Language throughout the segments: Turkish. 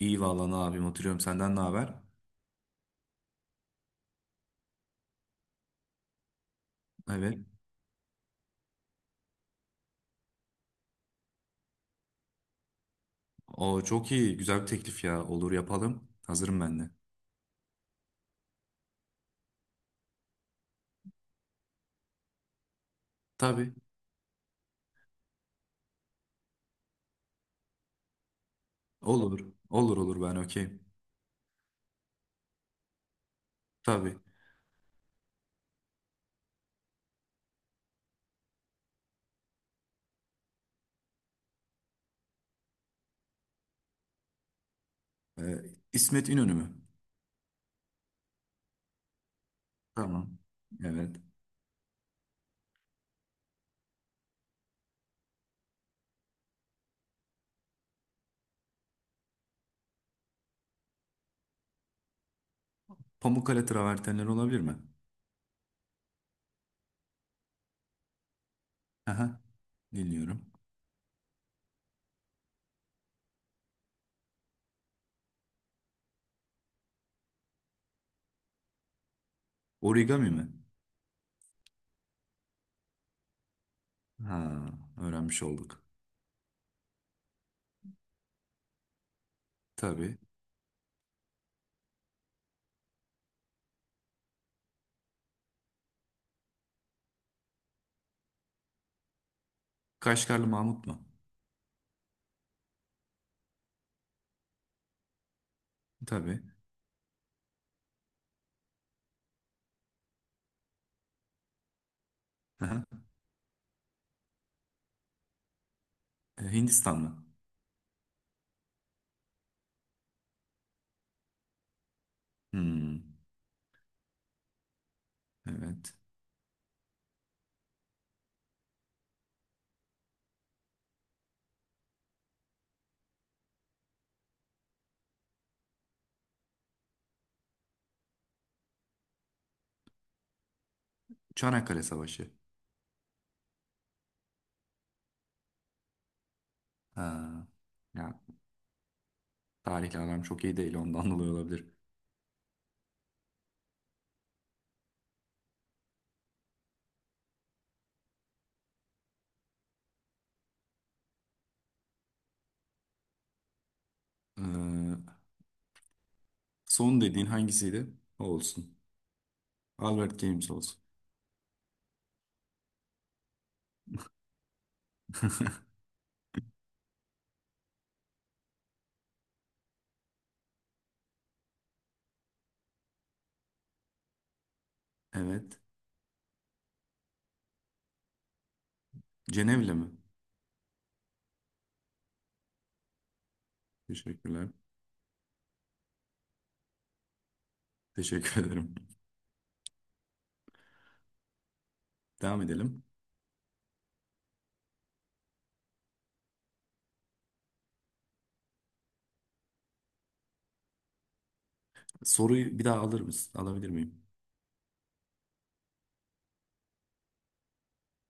İyi vallahi, ne yapayım, oturuyorum. Senden ne haber? Evet. O çok iyi, güzel bir teklif ya, olur yapalım. Hazırım ben de. Tabii, olur olur olur, ben okeyim. Tabii. Ee, İsmet İnönü mü? Tamam. Evet. Pamukkale travertenleri olabilir mi? Aha, dinliyorum. Origami mi? Ha, öğrenmiş olduk. Tabii. Kaşgarlı Mahmut mu? Tabii. Aha. Hindistan mı? Hmm, evet. Çanakkale Savaşı. Ha. Ya, tarihle aram çok iyi değil, ondan dolayı olabilir. Ee, son dediğin hangisiydi? O olsun. Albert Games olsun. Evet. Cenevle mi? Teşekkürler. Teşekkür ederim. Devam edelim. Soruyu bir daha alır mısın? Alabilir miyim?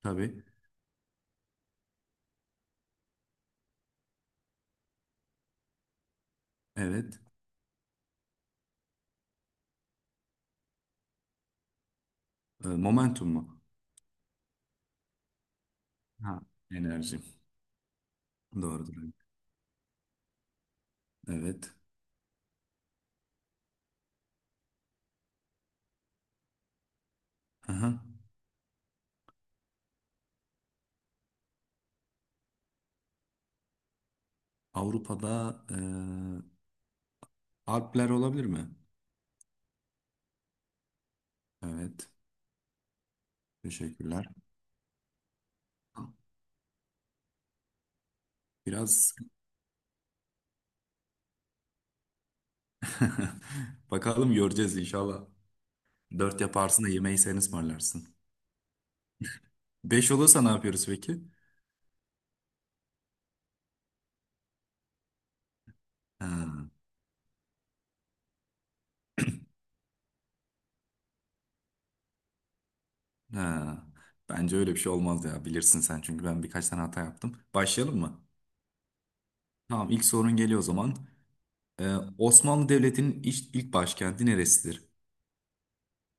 Tabii. Evet. Momentum mu? Ha. Enerji. Doğrudur. Evet. Aha. Avrupa'da Alpler olabilir mi? Evet. Teşekkürler. Biraz bakalım, göreceğiz inşallah. Dört yaparsın da yemeği sen ısmarlarsın. Beş olursa ne yapıyoruz peki? Ha, ha. Bence öyle bir şey olmaz ya. Bilirsin sen, çünkü ben birkaç tane hata yaptım. Başlayalım mı? Tamam, ilk sorun geliyor o zaman. Osmanlı Devleti'nin ilk başkenti neresidir?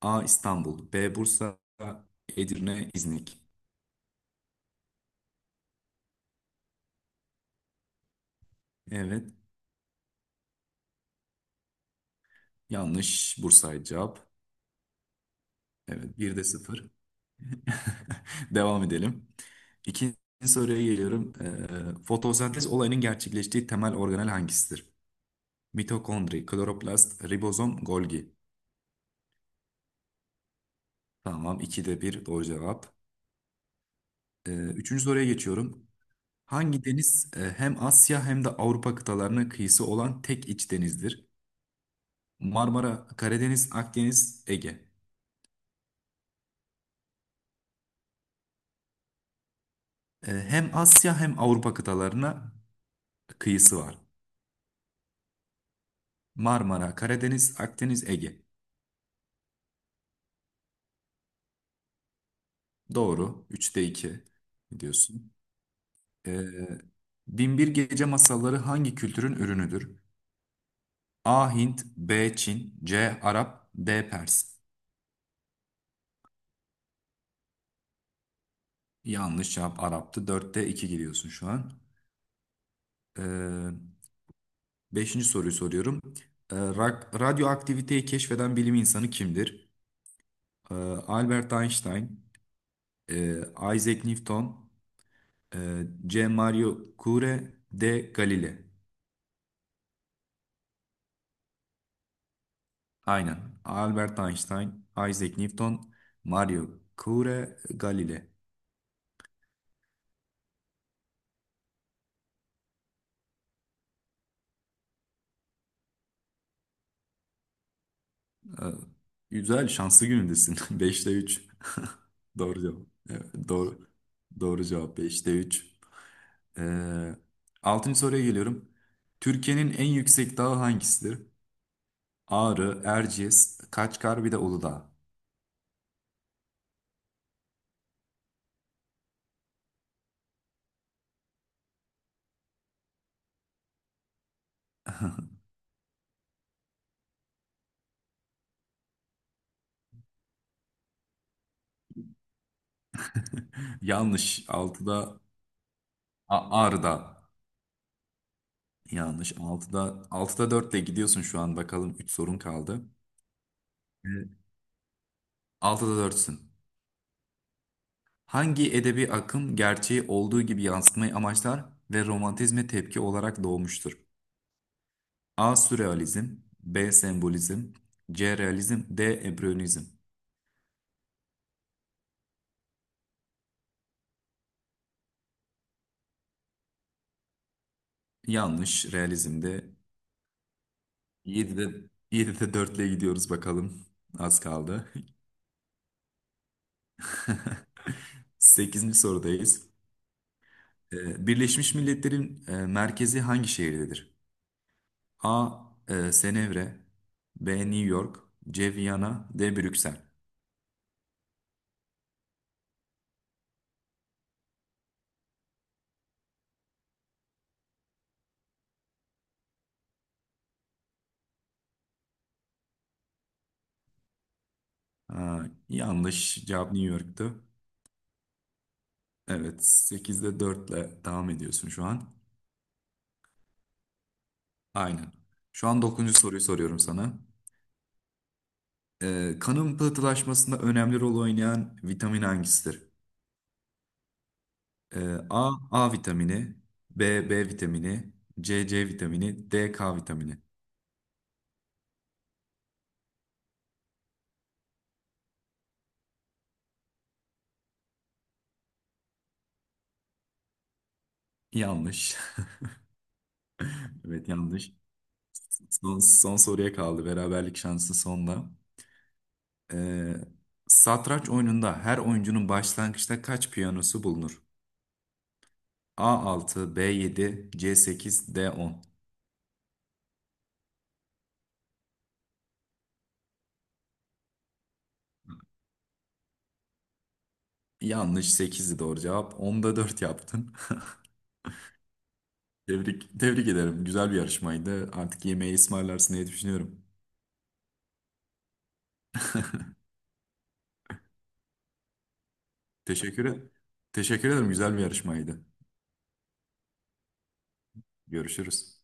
A. İstanbul, B. Bursa, Edirne, İznik. Evet, yanlış. Bursa'ydı cevap. Evet, bir de sıfır. Devam edelim. İkinci soruya geliyorum. Fotosentez olayının gerçekleştiği temel organel hangisidir? Mitokondri, kloroplast, ribozom, Golgi. Tamam, ikide bir doğru cevap. Üçüncü soruya geçiyorum. Hangi deniz hem Asya hem de Avrupa kıtalarına kıyısı olan tek iç denizdir? Marmara, Karadeniz, Akdeniz, Ege. Hem Asya hem Avrupa kıtalarına kıyısı var. Marmara, Karadeniz, Akdeniz, Ege. Doğru. Üçte iki diyorsun. Ee, Binbir Gece Masalları hangi kültürün ürünüdür? A. Hint, B. Çin, C. Arap, D. Pers. Yanlış cevap, Arap'tı. Dörtte 2 gidiyorsun şu an. Ee, beşinci soruyu soruyorum. Radyoaktiviteyi keşfeden bilim insanı kimdir? Ee, Albert Einstein, e, Isaac Newton, C. Mario Curie, D. Galileo. Aynen. Albert Einstein, Isaac Newton, Mario Curie, Galileo. Ee, Güzel, şanslı günündesin. Beşte üç. Doğru cevap. Evet, doğru. Doğru cevap, beşte üç. Ee, 6. soruya geliyorum. Türkiye'nin en yüksek dağı hangisidir? Ağrı, Erciyes, Kaçkar, bir de Uludağ. Yanlış, altıda. Ağrı'da. Yanlış, altıda 4'te gidiyorsun şu an. Bakalım, 3 sorun kaldı. Evet. 6'da 4'sün. Hangi edebi akım gerçeği olduğu gibi yansıtmayı amaçlar ve romantizme tepki olarak doğmuştur? A. Sürrealizm, B. Sembolizm, C. Realizm, D. Empiryonizm. Yanlış. Realizm'de. 7'de 7'de 4 ile gidiyoruz, bakalım. Az kaldı. Sekizinci sorudayız. Birleşmiş Milletler'in merkezi hangi şehirdedir? A. Cenevre, B. New York, C. Viyana, D. Brüksel. Aa, yanlış cevap, New York'tu. Evet, 8'de dörtle devam ediyorsun şu an. Aynen. Şu an 9. soruyu soruyorum sana. Kanın pıhtılaşmasında önemli rol oynayan vitamin hangisidir? A, A vitamini, B, B vitamini, C, C vitamini, D, K vitamini. Yanlış. Evet, yanlış. Son soruya kaldı. Beraberlik şansı sonda. Ee, satranç oyununda her oyuncunun başlangıçta kaç piyanosu bulunur? A altı, b yedi, c sekiz, d on. Yanlış, 8'di doğru cevap. Onda 4 yaptın. Tebrik ederim. Güzel bir yarışmaydı. Artık yemeği ısmarlarsın diye düşünüyorum. Teşekkür ederim. Teşekkür ederim. Güzel bir yarışmaydı. Görüşürüz.